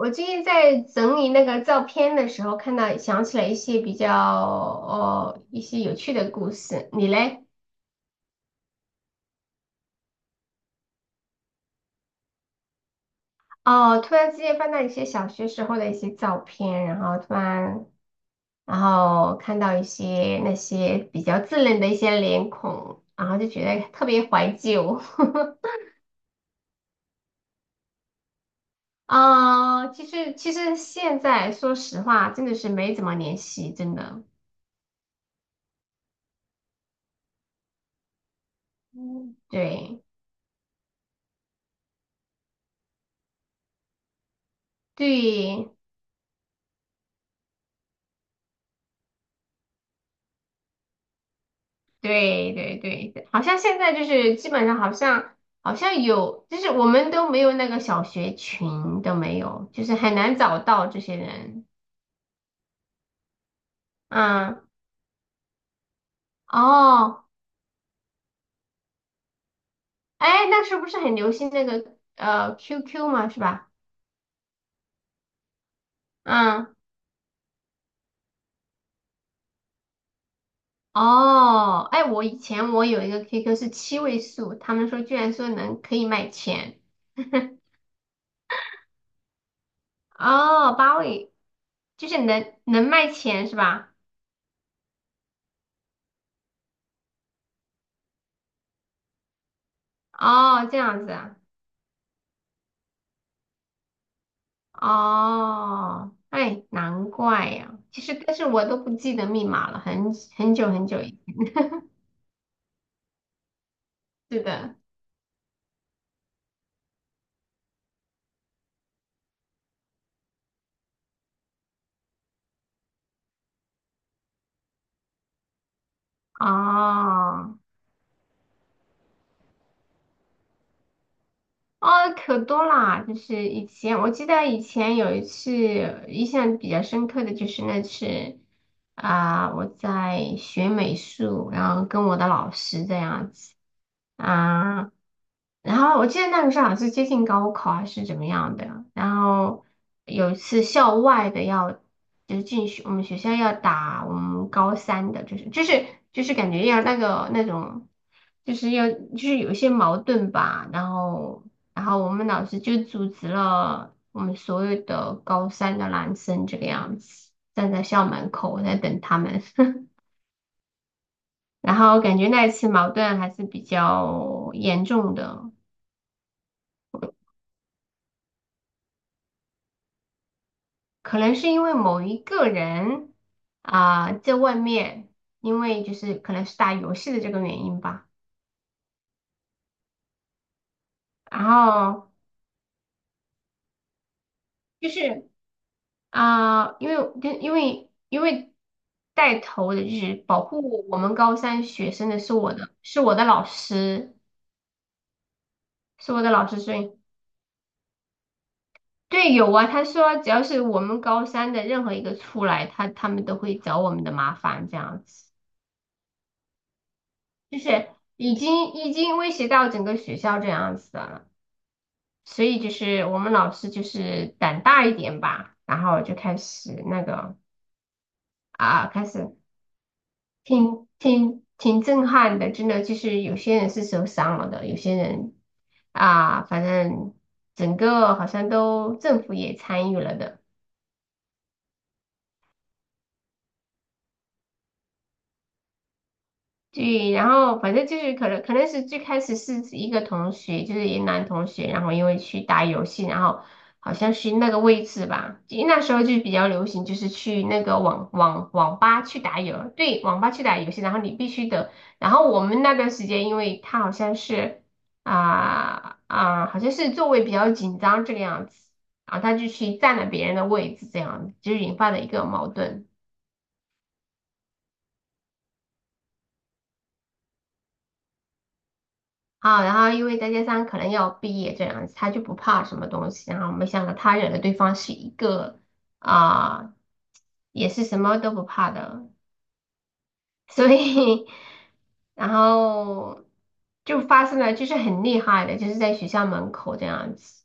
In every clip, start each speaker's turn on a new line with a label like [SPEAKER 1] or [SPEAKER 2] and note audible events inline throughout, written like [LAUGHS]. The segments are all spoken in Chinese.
[SPEAKER 1] 我最近在整理那个照片的时候，看到想起来一些比较哦一些有趣的故事。你嘞？哦，突然之间翻到一些小学时候的一些照片，然后然后看到一些那些比较稚嫩的一些脸孔，然后就觉得特别怀旧。[LAUGHS] 其实现在说实话，真的是没怎么联系，真的。嗯，对对，对对对，好像现在就是基本上好像有，就是我们都没有那个小学群都没有，就是很难找到这些人。嗯，哦，哎，那时候不是很流行那个QQ 嘛，是吧？嗯，哦，哎，我以前有一个 QQ 是7位数，他们说居然说能可以卖钱，[LAUGHS] 哦，8位就是能卖钱是吧？哦，这样子啊。哦，哎，难怪呀、其实，但是我都不记得密码了，很久很久以。是的。哦，哦，可多啦！就是以前，我记得以前有一次印象比较深刻的就是那次我在学美术，然后跟我的老师这样子啊、然后我记得那个时候好像是接近高考还是怎么样的，然后有一次校外的要就是进学我们学校要打我们高三的，就是感觉要那个那种。就是要就是有一些矛盾吧，然后我们老师就组织了我们所有的高三的男生这个样子，站在校门口在等他们。[LAUGHS] 然后感觉那一次矛盾还是比较严重的，可能是因为某一个人在外面，因为就是可能是打游戏的这个原因吧。然后就是因为带头的就是保护我们高三学生的是我的老师。是我的老师说，对，有啊。他说，只要是我们高三的任何一个出来，他们都会找我们的麻烦，这样子，就是已经威胁到整个学校这样子的了。所以就是我们老师就是胆大一点吧，然后就开始开始挺震撼的，真的就是有些人是受伤了的，有些人啊，反正整个好像都政府也参与了的。对，然后反正就是可能是最开始是一个同学，就是一男同学，然后因为去打游戏，然后好像是那个位置吧，因为那时候就比较流行，就是去那个网吧去打游，对，网吧去打游戏，然后你必须得，然后我们那段时间，因为他好像是啊啊、好像是座位比较紧张这个样子，然后他就去占了别人的位置，这样子就引发了一个矛盾。啊，然后因为再加上可能要毕业这样子，他就不怕什么东西。然后没想到他惹的对方是一个啊、也是什么都不怕的，所以 [LAUGHS] 然后就发生了，就是很厉害的，就是在学校门口这样子。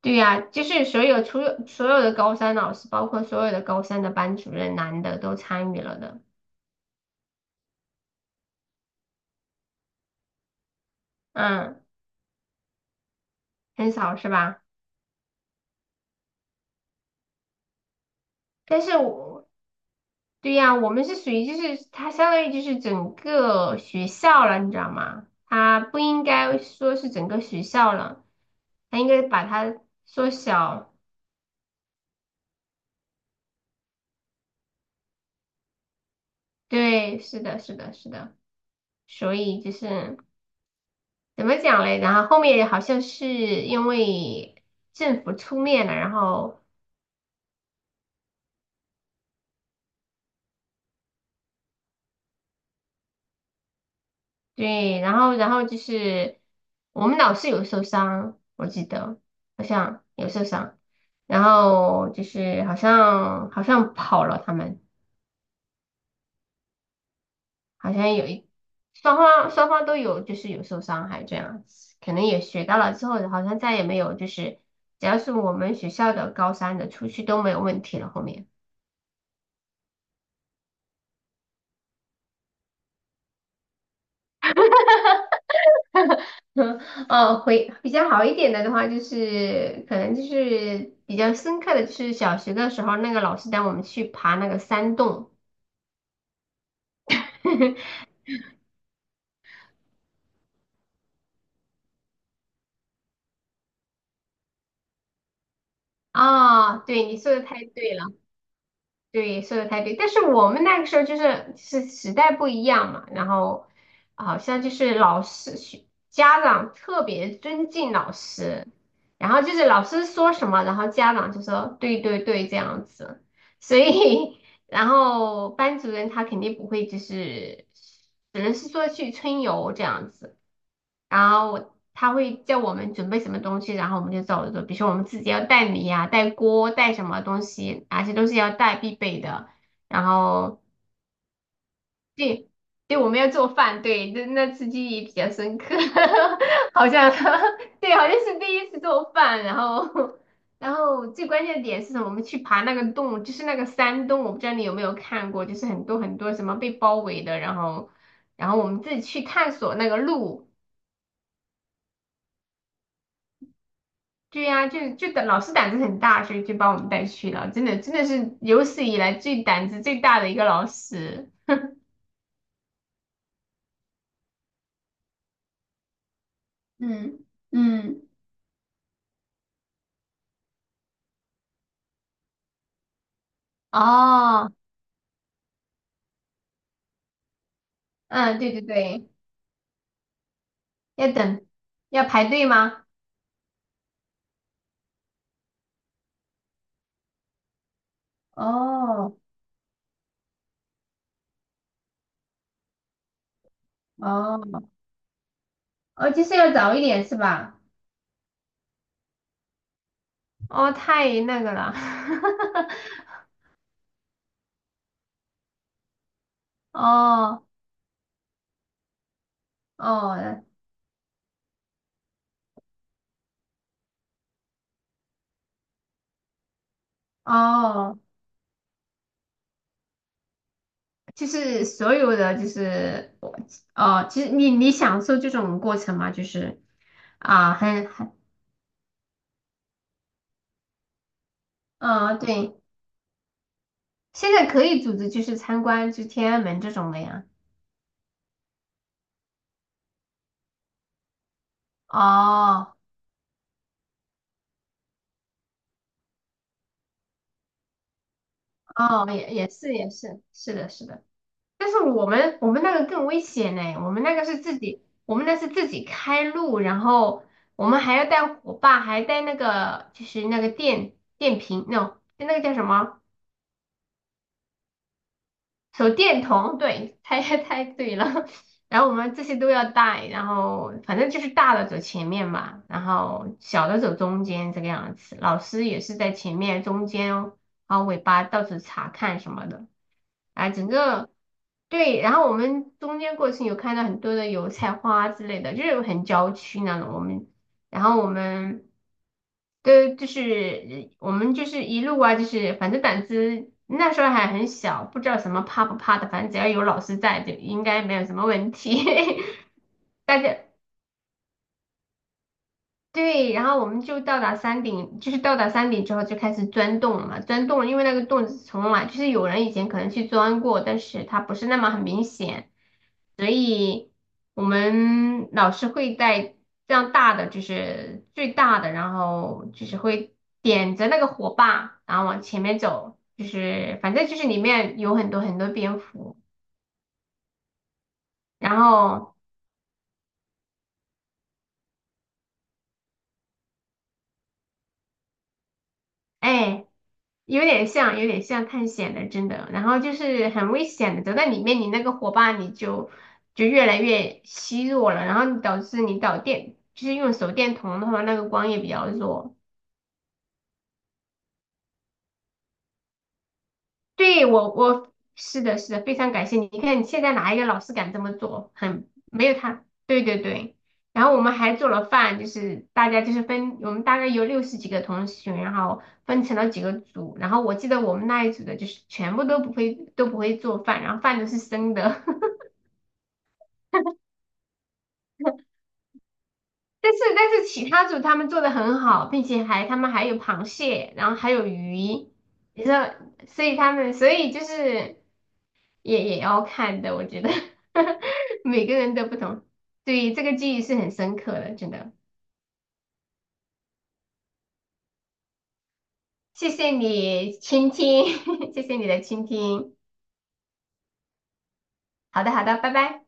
[SPEAKER 1] 对呀、就是所有除了所有的高三老师，包括所有的高三的班主任，男的都参与了的。嗯，很少是吧？但是我对呀，我们是属于就是它相当于就是整个学校了，你知道吗？它不应该说是整个学校了，它应该把它缩小。对，是的，是的，是的。所以就是怎么讲嘞？然后后面好像是因为政府出面了，然后对，然后就是我们老师有受伤，我记得好像有受伤，然后就是好像跑了他们。好像有一双方都有，就是有受伤害这样子，可能也学到了之后，好像再也没有就是，只要是我们学校的高三的出去都没有问题了。后面，[LAUGHS] 哦，回比较好一点的话，就是可能就是比较深刻的，就是小学的时候那个老师带我们去爬那个山洞。[LAUGHS] 啊。对，你说的太对了。对，说的太对，但是我们那个时候就是时代不一样嘛，然后好像就是老师、家长特别尊敬老师，然后就是老师说什么，然后家长就说对对对这样子，所以 [LAUGHS] 然后班主任他肯定不会就是只能是说去春游这样子。然后他会叫我们准备什么东西，然后我们就走着做。比如说我们自己要带米呀、带锅、带什么东西，哪些都是要带必备的。然后对，对，我们要做饭，对，那次记忆比较深刻，[LAUGHS] 好像 [LAUGHS] 对，好像是第一次做饭。然后，最关键的点是什么？我们去爬那个洞，就是那个山洞，我不知道你有没有看过，就是很多很多什么被包围的，然后，我们自己去探索那个路。对呀、就就胆老师胆子很大，所以就把我们带去了。真的，真的是有史以来最胆子最大的一个老师。嗯嗯，哦，嗯，对对对，要等，要排队吗？哦哦哦，就是要早一点是吧？哦，太那个了。[LAUGHS] 哦哦哦，就是所有的就是我哦，其实你享受这种过程吗？就是啊，嗯，对。现在可以组织就是参观就天安门这种的呀。哦哦，也是也是，是的是的。但是我们那个更危险呢，我们那个是自己，我们那是自己开路，然后我们还要带火把，还带那个就是那个电瓶那种就那个叫什么？手电筒，对，猜 [LAUGHS] 猜对了。然后我们这些都要带，然后反正就是大的走前面嘛，然后小的走中间这个样子。老师也是在前面、中间哦，然后尾巴到处查看什么的。啊，对，然后我们中间过程有看到很多的油菜花之类的，就是很郊区那种。然后我们都就是我们就是一路啊，就是反正胆子那时候还很小，不知道什么怕不怕的，反正只要有老师在，就应该没有什么问题。[LAUGHS] 大家对，然后我们就到达山顶，就是到达山顶之后就开始钻洞了嘛，钻洞了，因为那个洞从来就是有人以前可能去钻过，但是它不是那么很明显，所以我们老师会带这样大的，就是最大的，然后就是会点着那个火把，然后往前面走，就是反正就是里面有很多很多蝙蝠，然后哎。有点像，有点像探险的，真的。然后就是很危险的，走在里面，你那个火把你就越来越虚弱了，然后导致你导电，就是用手电筒的话，那个光也比较弱。对，我是的，是的，非常感谢你。你看，你现在哪一个老师敢这么做？很没有他，对对对。然后我们还做了饭，就是大家就是分，我们大概有60几个同学，然后分成了几个组。然后我记得我们那一组的就是全部都不会做饭，然后饭都是生的。[LAUGHS] 但是其他组他们做的很好，并且他们还有螃蟹，然后还有鱼。你知道，所以他们所以就是。也要看的，我觉得 [LAUGHS] 每个人都不同，对这个记忆是很深刻的，真的。谢谢你倾听，[LAUGHS] 谢谢你的倾听。好的，好的，拜拜。